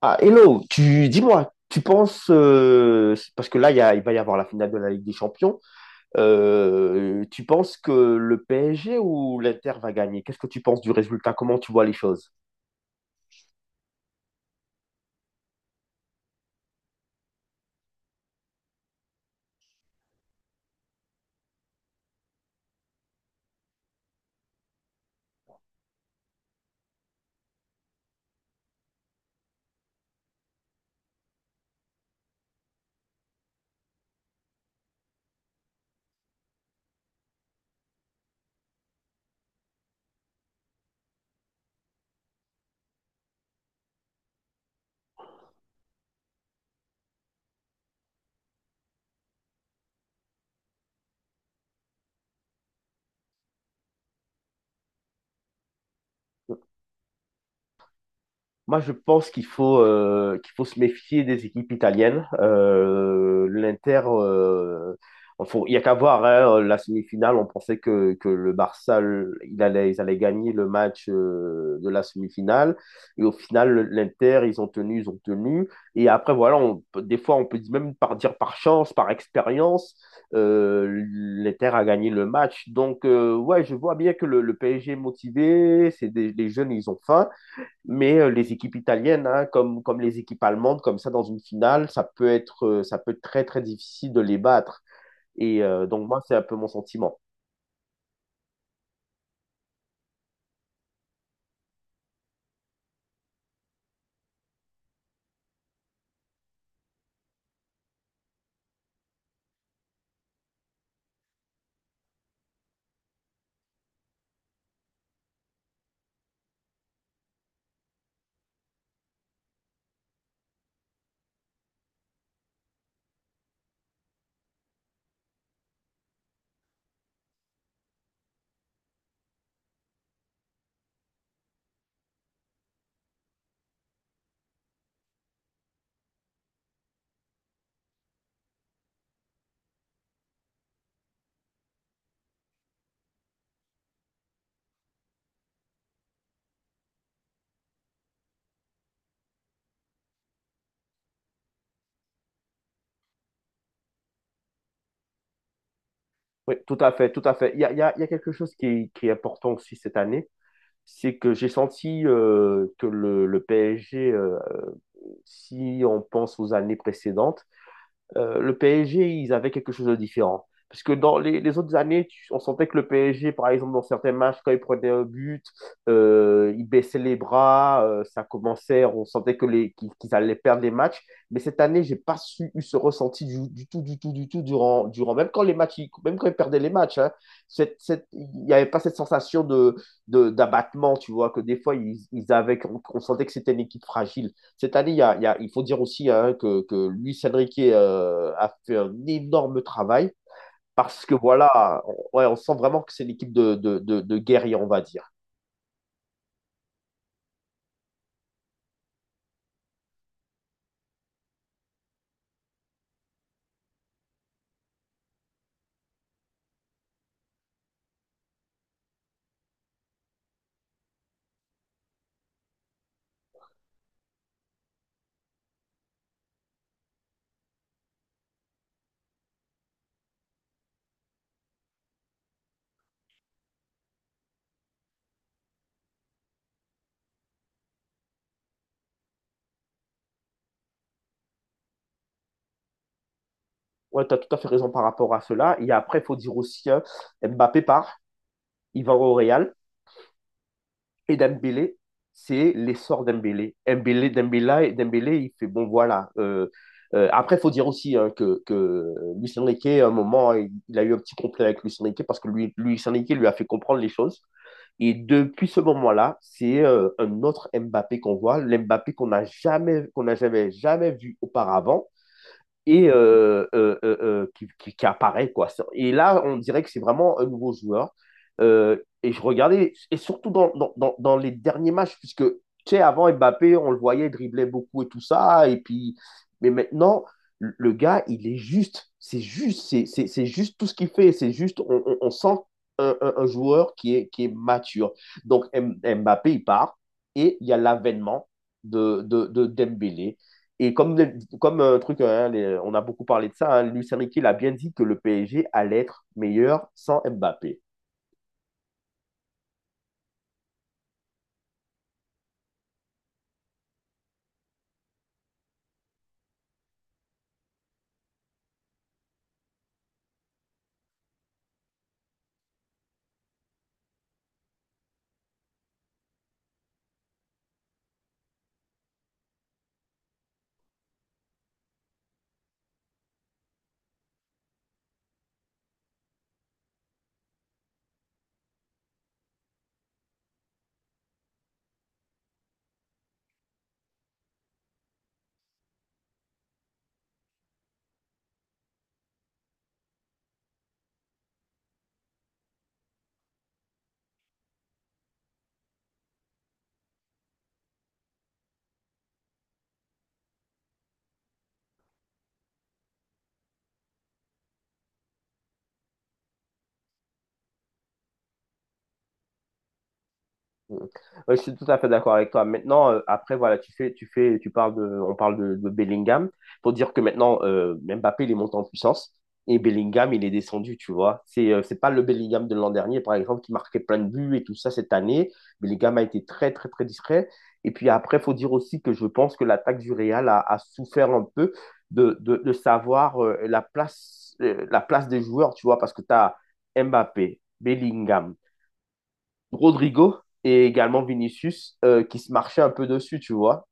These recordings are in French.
Ah, hello, tu dis-moi, tu penses, parce que là, il va y avoir la finale de la Ligue des Champions, tu penses que le PSG ou l'Inter va gagner? Qu'est-ce que tu penses du résultat? Comment tu vois les choses? Moi, je pense qu'il faut se méfier des équipes italiennes. L'Inter, il n'y a qu'à voir hein, la semi-finale. On pensait que le Barça, il allait, ils allaient gagner le match de la semi-finale. Et au final, l'Inter, ils ont tenu, ils ont tenu. Et après, voilà, des fois, on peut même dire par chance, par expérience, l'Inter a gagné le match. Donc, ouais, je vois bien que le PSG est motivé. C'est des, les jeunes, ils ont faim. Mais les équipes italiennes, hein, comme les équipes allemandes, comme ça, dans une finale, ça peut être très, très difficile de les battre. Et donc, moi, c'est un peu mon sentiment. Oui, tout à fait, tout à fait. Il y a quelque chose qui est important aussi cette année, c'est que j'ai senti que le PSG, si on pense aux années précédentes, le PSG, ils avaient quelque chose de différent. Parce que dans les autres années, on sentait que le PSG, par exemple, dans certains matchs, quand ils prenaient un but, il baissait les bras, ça commençait, on sentait que qu'ils allaient perdre les matchs. Mais cette année, j'ai pas eu ce ressenti du tout, du tout, du tout, durant, même quand les matchs, même quand ils perdaient les matchs, hein, il n'y avait pas cette sensation d'abattement, tu vois, que des fois, ils avaient, qu'on sentait que c'était une équipe fragile. Cette année, il faut dire aussi hein, que Luis Enrique a fait un énorme travail parce que voilà, on, ouais, on sent vraiment que c'est une équipe de guerriers, on va dire. Ouais, tu as tout à fait raison par rapport à cela. Et après, il faut dire aussi, hein, Mbappé part, il va au Real. Et Dembélé, c'est l'essor Dembélé. Dembélé, il fait bon, voilà. Après, il faut dire aussi hein, que Luis Enrique, à un moment, il a eu un petit conflit avec Luis Enrique parce que lui, Luis Enrique lui a fait comprendre les choses. Et depuis ce moment-là, c'est un autre Mbappé qu'on voit, l'Mbappé qu'on n'a jamais, jamais vu auparavant et qui apparaît, quoi. Et là, on dirait que c'est vraiment un nouveau joueur. Euh, et je regardais, et surtout dans les derniers matchs, puisque, tu sais, avant Mbappé, on le voyait dribbler beaucoup et tout ça, et puis, mais maintenant, le gars, il est juste, c'est juste tout ce qu'il fait, c'est juste, on sent un joueur qui est mature. Donc, Mbappé, il part, et il y a l'avènement de Dembélé et comme un truc, hein, on a beaucoup parlé de ça, hein, Luis Enrique l'a bien dit que le PSG allait être meilleur sans Mbappé. Mm. Ouais, je suis tout à fait d'accord avec toi. Maintenant, après, voilà, tu parles on parle de Bellingham. Faut dire que maintenant, Mbappé, il est monté en puissance et Bellingham, il est descendu, tu vois. C'est pas le Bellingham de l'an dernier, par exemple, qui marquait plein de buts et tout ça cette année. Bellingham a été très, très, très discret. Et puis après, faut dire aussi que je pense que l'attaque du Real a souffert un peu de savoir la place des joueurs, tu vois, parce que tu as Mbappé, Bellingham. Rodrigo et également Vinicius qui se marchaient un peu dessus, tu vois.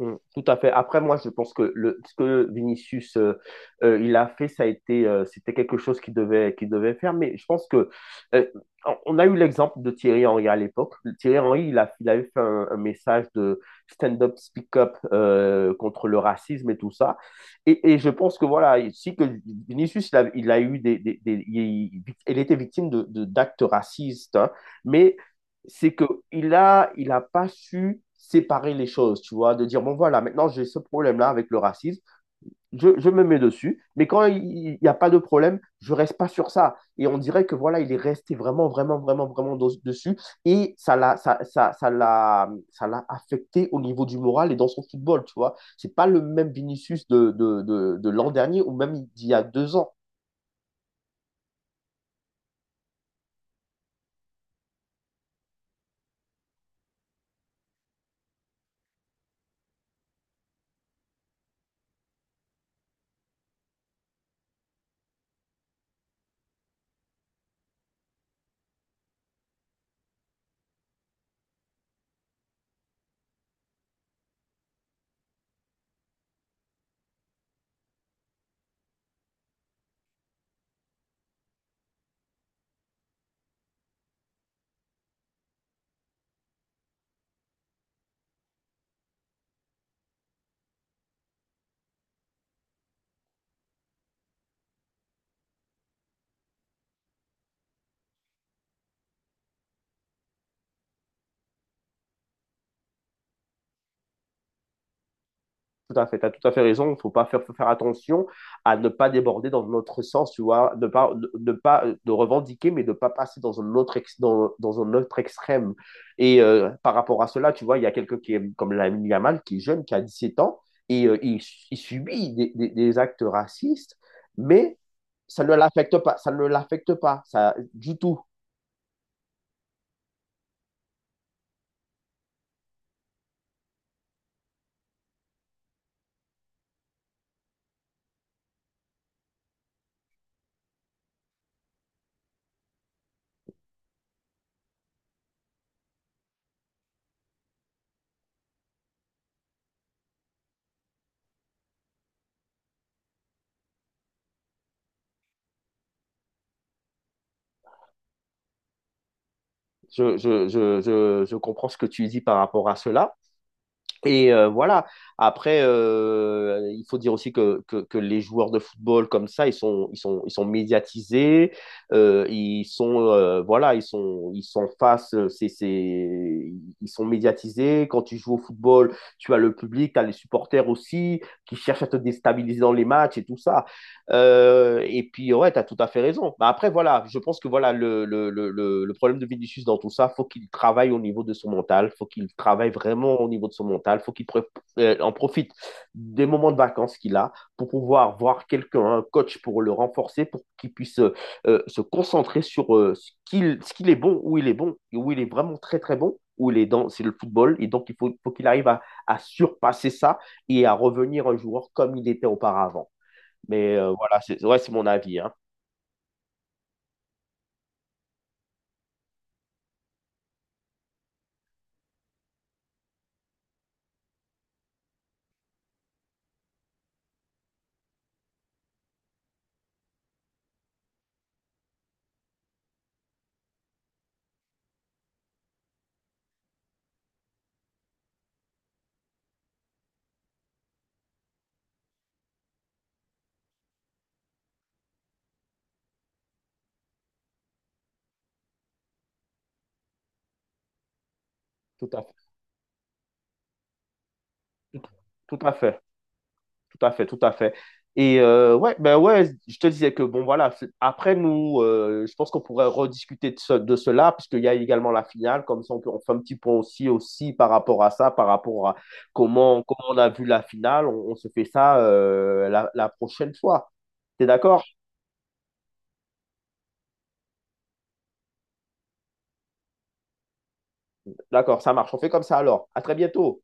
Mm. Tout à fait. Après, moi, je pense que ce que Vinicius il a fait, ça a été, c'était quelque chose qu'il devait faire. Mais je pense que euh, on a eu l'exemple de Thierry Henry à l'époque. Thierry Henry, il avait fait un message de stand-up, speak-up contre le racisme et tout ça. Et je pense que voilà, si que Vinicius, il a eu des- il était victime d'actes racistes, hein, mais c'est que il a pas su séparer les choses, tu vois, de dire, bon voilà, maintenant j'ai ce problème-là avec le racisme, je me mets dessus, mais quand il n'y a pas de problème, je reste pas sur ça. Et on dirait que voilà, il est resté vraiment, vraiment, vraiment, dessus, et ça l'a, ça, ça l'a affecté au niveau du moral et dans son football, tu vois. C'est pas le même Vinicius de l'an dernier ou même d'il y a deux ans. Tout à fait, tu as tout à fait raison. Il faut pas faire, Faut faire attention à ne pas déborder dans notre sens, tu vois, ne pas, de pas de revendiquer, mais de pas passer dans un autre, dans un autre extrême. Et par rapport à cela, tu vois, il y a quelqu'un qui est comme Lamine Yamal, qui est jeune, qui a 17 ans, et il subit des, des actes racistes, mais ça ne l'affecte pas, ça ne l'affecte pas, ça, du tout. Je comprends ce que tu dis par rapport à cela. Et voilà. Après, il faut dire aussi que les joueurs de football comme ça, ils sont médiatisés. Voilà, ils sont face. C'est, ils sont médiatisés. Quand tu joues au football, tu as le public, tu as les supporters aussi qui cherchent à te déstabiliser dans les matchs et tout ça. Et puis, ouais, tu as tout à fait raison. Mais après, voilà, je pense que voilà, le problème de Vinicius dans tout ça, faut qu'il travaille au niveau de son mental, faut qu'il travaille vraiment au niveau de son mental, en profite des moments de vacances qu'il a pour pouvoir voir quelqu'un, un coach pour le renforcer, pour qu'il puisse se concentrer sur ce qu'il est bon, où il est bon, et où il est vraiment très très bon où il est dans, c'est le football. Et donc, faut qu'il arrive à, surpasser ça et à revenir un joueur comme il était auparavant. Mais voilà, c'est ouais, c'est mon avis, hein. Tout à fait. Tout, Tout à fait. Tout à fait, tout à fait. Et ouais, ben ouais, je te disais que bon voilà, après nous, je pense qu'on pourrait rediscuter de cela, puisqu'il y a également la finale, comme ça on fait un petit point aussi, aussi par rapport à ça, par rapport à comment, comment on a vu la finale, on se fait ça la prochaine fois. T'es d'accord? D'accord, ça marche, on fait comme ça alors. À très bientôt.